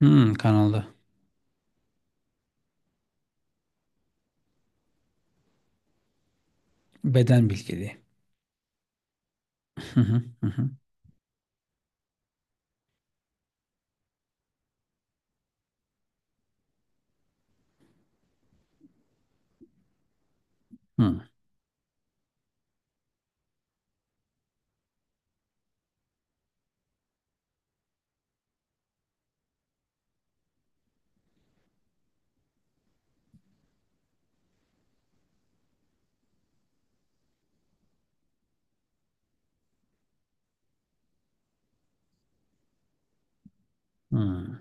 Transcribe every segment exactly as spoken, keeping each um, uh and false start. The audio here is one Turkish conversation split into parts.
Hmm, kanalda. Beden bilgeliği. Hı hı, hı hı, hı, hı.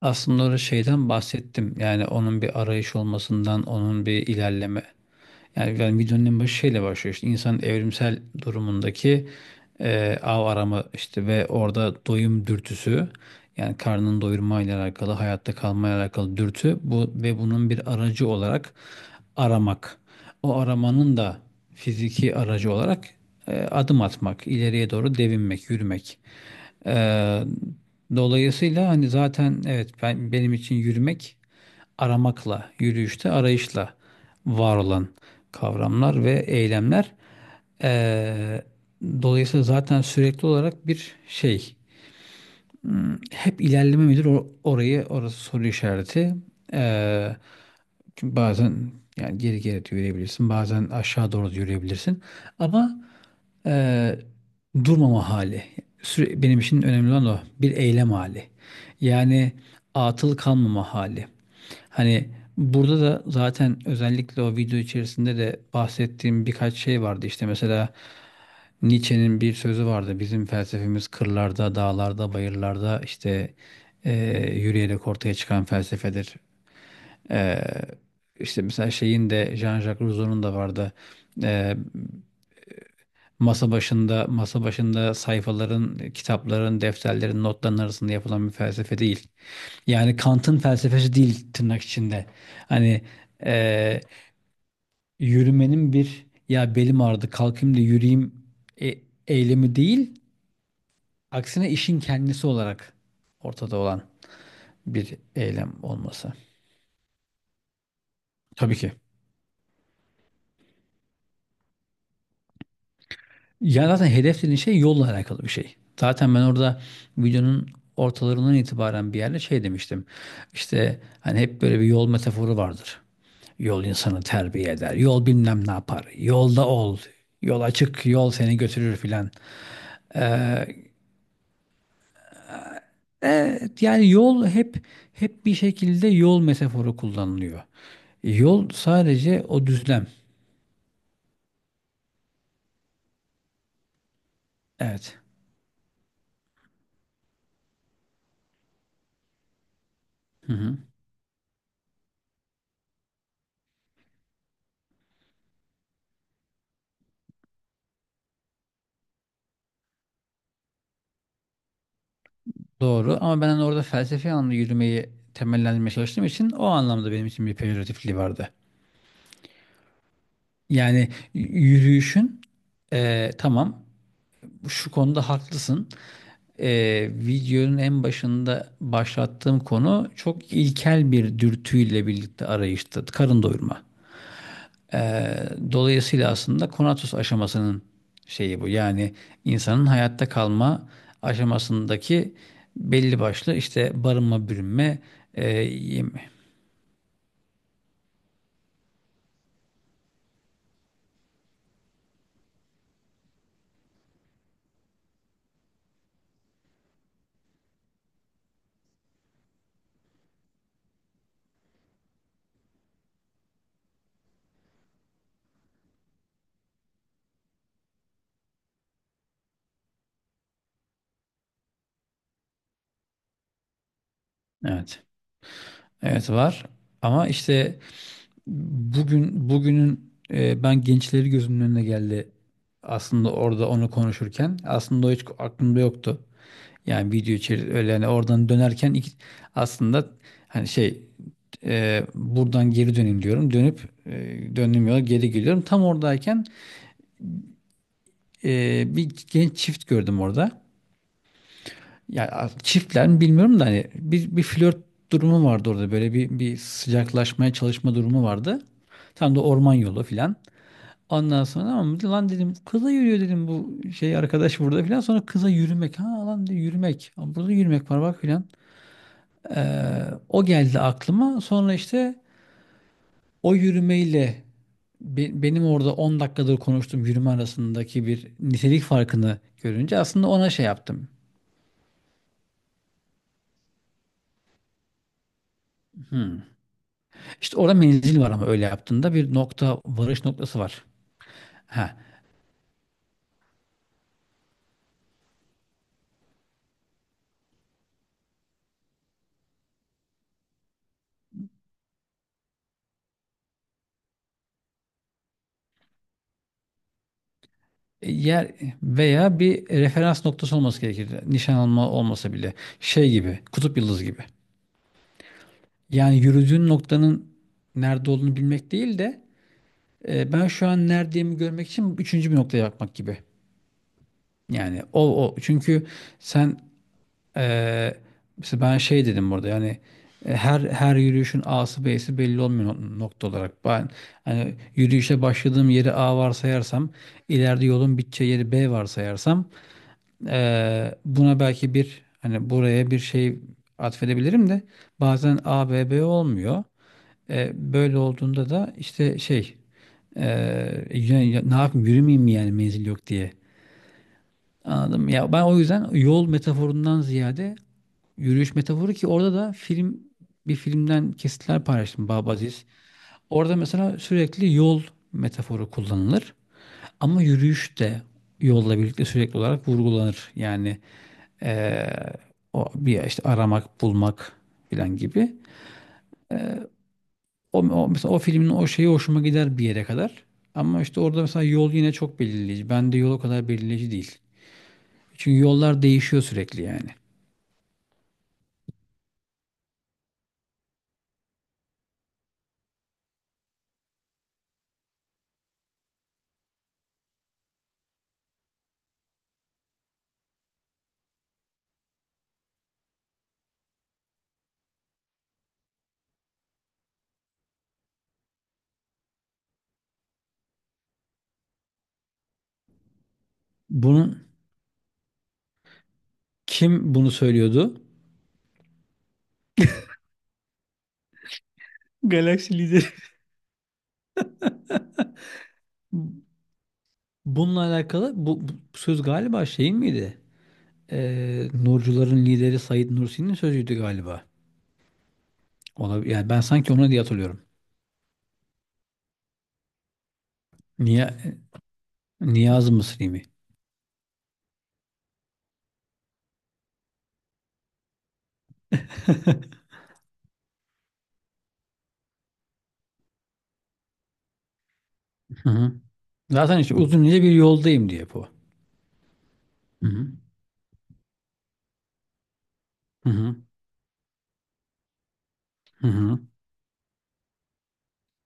Aslında orada şeyden bahsettim. Yani onun bir arayış olmasından, onun bir ilerleme. Yani, yani videonun en başı şeyle başlıyor işte insanın evrimsel durumundaki e, av arama işte ve orada doyum dürtüsü, yani karnını doyurmayla alakalı, hayatta kalmayla alakalı dürtü bu ve bunun bir aracı olarak aramak. O aramanın da fiziki aracı olarak e, adım atmak, ileriye doğru devinmek, yürümek. Ee, dolayısıyla hani zaten evet, ben, benim için yürümek aramakla, yürüyüşte arayışla var olan kavramlar ve eylemler. Ee, dolayısıyla zaten sürekli olarak bir şey. Hep ilerleme midir, or- orayı orası soru işareti. Ee, çünkü bazen, yani geri geri de yürüyebilirsin, bazen aşağı doğru da yürüyebilirsin. Ama Eee, durmama hali. Süre, benim için önemli olan o. Bir eylem hali. Yani atıl kalmama hali. Hani burada da zaten özellikle o video içerisinde de bahsettiğim birkaç şey vardı. İşte mesela Nietzsche'nin bir sözü vardı: bizim felsefemiz kırlarda, dağlarda, bayırlarda işte eee, yürüyerek ortaya çıkan felsefedir. Eee işte mesela şeyin de, Jean-Jacques Rousseau'nun da vardı. E, Masa başında, masa başında sayfaların, kitapların, defterlerin, notların arasında yapılan bir felsefe değil. Yani Kant'ın felsefesi değil, tırnak içinde. Hani eee, yürümenin bir "ya belim ağrıdı, kalkayım da yürüyeyim" e- eylemi değil. Aksine işin kendisi olarak ortada olan bir eylem olması. Tabii ki. Ya zaten hedef dediğin şey yolla alakalı bir şey. Zaten ben orada videonun ortalarından itibaren bir yerde şey demiştim. İşte hani hep böyle bir yol metaforu vardır. Yol insanı terbiye eder. Yol bilmem ne yapar. Yolda ol. Yol açık. Yol seni götürür filan. Evet, yani yol hep hep bir şekilde yol metaforu kullanılıyor. Yol sadece o düzlem. Evet. Doğru, ama ben hani orada felsefi anlamda yürümeyi temellendirmeye çalıştığım için o anlamda benim için bir pejoratifliği vardı. Yani yürüyüşün e, tamam, şu konuda haklısın. E, videonun en başında başlattığım konu çok ilkel bir dürtüyle birlikte arayıştı. Karın doyurma. E, dolayısıyla aslında konatus aşamasının şeyi bu. Yani insanın hayatta kalma aşamasındaki belli başlı işte barınma, bürünme. Evet. Evet var. Ama işte bugün bugünün e, ben gençleri gözümün önüne geldi. Aslında orada onu konuşurken aslında o hiç aklımda yoktu. Yani video içeri öyle, yani oradan dönerken ilk- aslında hani şey, e, buradan geri döneyim diyorum. Dönüp e, döndüğüm yola geri geliyorum. Tam oradayken e, bir genç çift gördüm orada. Ya çiftler mi bilmiyorum da hani bir, bir flört durumu vardı orada, böyle bir, bir sıcaklaşmaya çalışma durumu vardı. Tam da orman yolu filan. Ondan sonra "ama lan," dedim, "kıza yürüyor," dedim, "bu şey arkadaş burada" filan. Sonra kıza yürümek, ha lan, de yürümek. Aa, burada yürümek var bak filan. Ee, o geldi aklıma. Sonra işte o yürümeyle be- benim orada on dakikadır konuştuğum yürüme arasındaki bir nitelik farkını görünce aslında ona şey yaptım. Hmm. İşte orada menzil var, ama öyle yaptığında bir nokta, varış noktası var. Ha. E, yer veya bir referans noktası olması gerekir. Nişan alma olmasa bile şey gibi, kutup yıldızı gibi. Yani yürüdüğün noktanın nerede olduğunu bilmek değil de, e, ben şu an neredeyimi görmek için üçüncü bir noktaya bakmak gibi. Yani o o çünkü sen Ee, mesela ben şey dedim burada, yani, e, her her yürüyüşün A'sı B'si belli olmuyor nok- nokta olarak. Ben hani yürüyüşe başladığım yeri A varsayarsam, ileride yolun biteceği yeri B varsayarsam, e, buna belki bir, hani buraya bir şey atfedebilirim de, bazen A B B olmuyor. E, böyle olduğunda da işte şey, e, ya- ya- ne yapayım, yürümeyeyim mi yani menzil yok diye? Anladım. Ya ben o yüzden yol metaforundan ziyade yürüyüş metaforu, ki orada da film bir filmden kesitler paylaştım, babaziz. Orada mesela sürekli yol metaforu kullanılır. Ama yürüyüş de yolla birlikte sürekli olarak vurgulanır. Yani eee, o bir işte aramak, bulmak filan gibi. O, o- mesela o filmin o şeyi hoşuma gider bir yere kadar. Ama işte orada mesela yol yine çok belirleyici. Bende yol o kadar belirleyici değil. Çünkü yollar değişiyor sürekli yani. Bunun. Kim bunu söylüyordu? Galaksi lideri. Bununla alakalı bu, bu söz galiba şeyin miydi? Ee, Nurcuların lideri Said Nursi'nin sözüydü galiba. Ona, yani ben sanki ona diye hatırlıyorum. Niye, Niyaz Mısri mi? Hı hı. Zaten işte uzun ince bir yoldayım diye bu. Hı hı. Hı hı. Hı hı.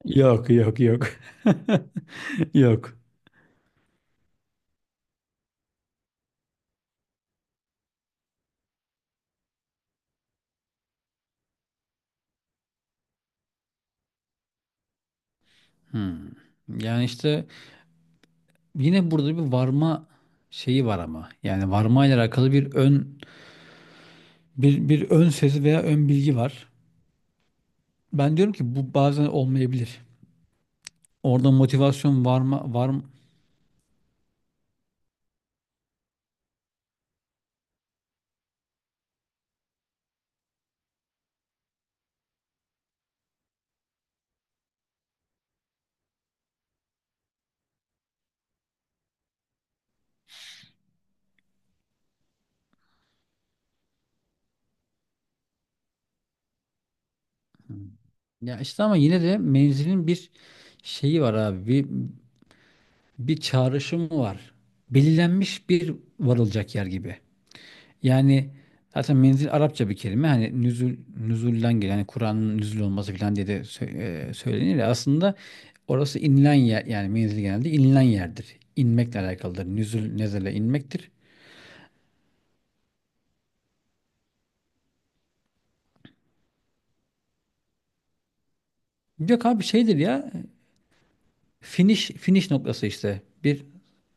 Yok yok yok. Yok. Hmm. Yani işte yine burada bir varma şeyi var ama. Yani varma ile alakalı bir ön, bir, bir ön sezi veya ön bilgi var. Ben diyorum ki bu bazen olmayabilir. Orada motivasyon var mı? Var mı? Ya işte, ama yine de menzilin bir şeyi var abi. Bir, bir çağrışımı var. Belirlenmiş bir varılacak yer gibi. Yani zaten menzil Arapça bir kelime. Hani nüzul, nüzulden gelen, yani Kur'an'ın nüzul olması falan diye de sö- e, söylenir ya. Aslında orası inilen yer. Yani menzil genelde inilen yerdir. İnmekle alakalıdır. Nüzul, nezele inmektir. Yok abi şeydir ya, Finish finish noktası işte. Bir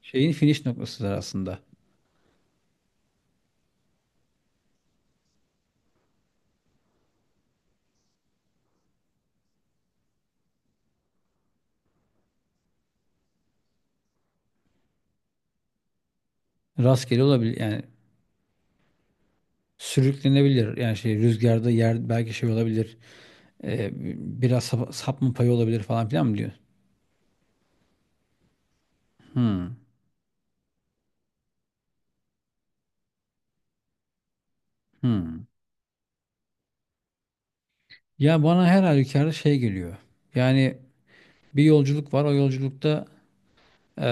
şeyin finish noktasıdır aslında. Rastgele olabilir, yani sürüklenebilir. Yani şey, rüzgarda yer belki şey olabilir. Ee, biraz sap, sapma payı olabilir falan filan mı diyor? Hmm, hmm. Ya bana her halükarda şey geliyor. Yani bir yolculuk var. O yolculukta ee,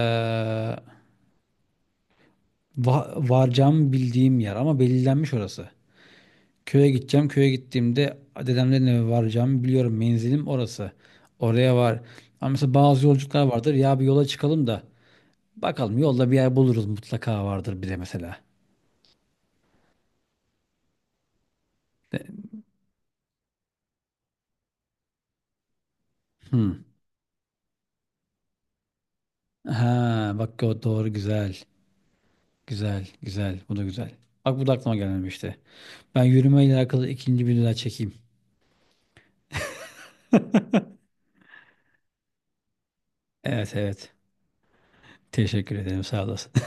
va- varacağımı bildiğim yer, ama belirlenmiş orası. Köye gideceğim. Köye gittiğimde dedemlerin eve varacağımı biliyorum. Menzilim orası. Oraya var. Ama mesela bazı yolculuklar vardır. Ya bir yola çıkalım da bakalım, yolda bir yer buluruz, mutlaka vardır bir de mesela. De- Hmm. Ha bak, o doğru, güzel. Güzel, güzel. Bu da güzel. Bak, bu da aklıma gelmemişti. Ben yürümeyle alakalı ikinci bir daha çekeyim. Evet evet. Teşekkür ederim. Sağ olasın.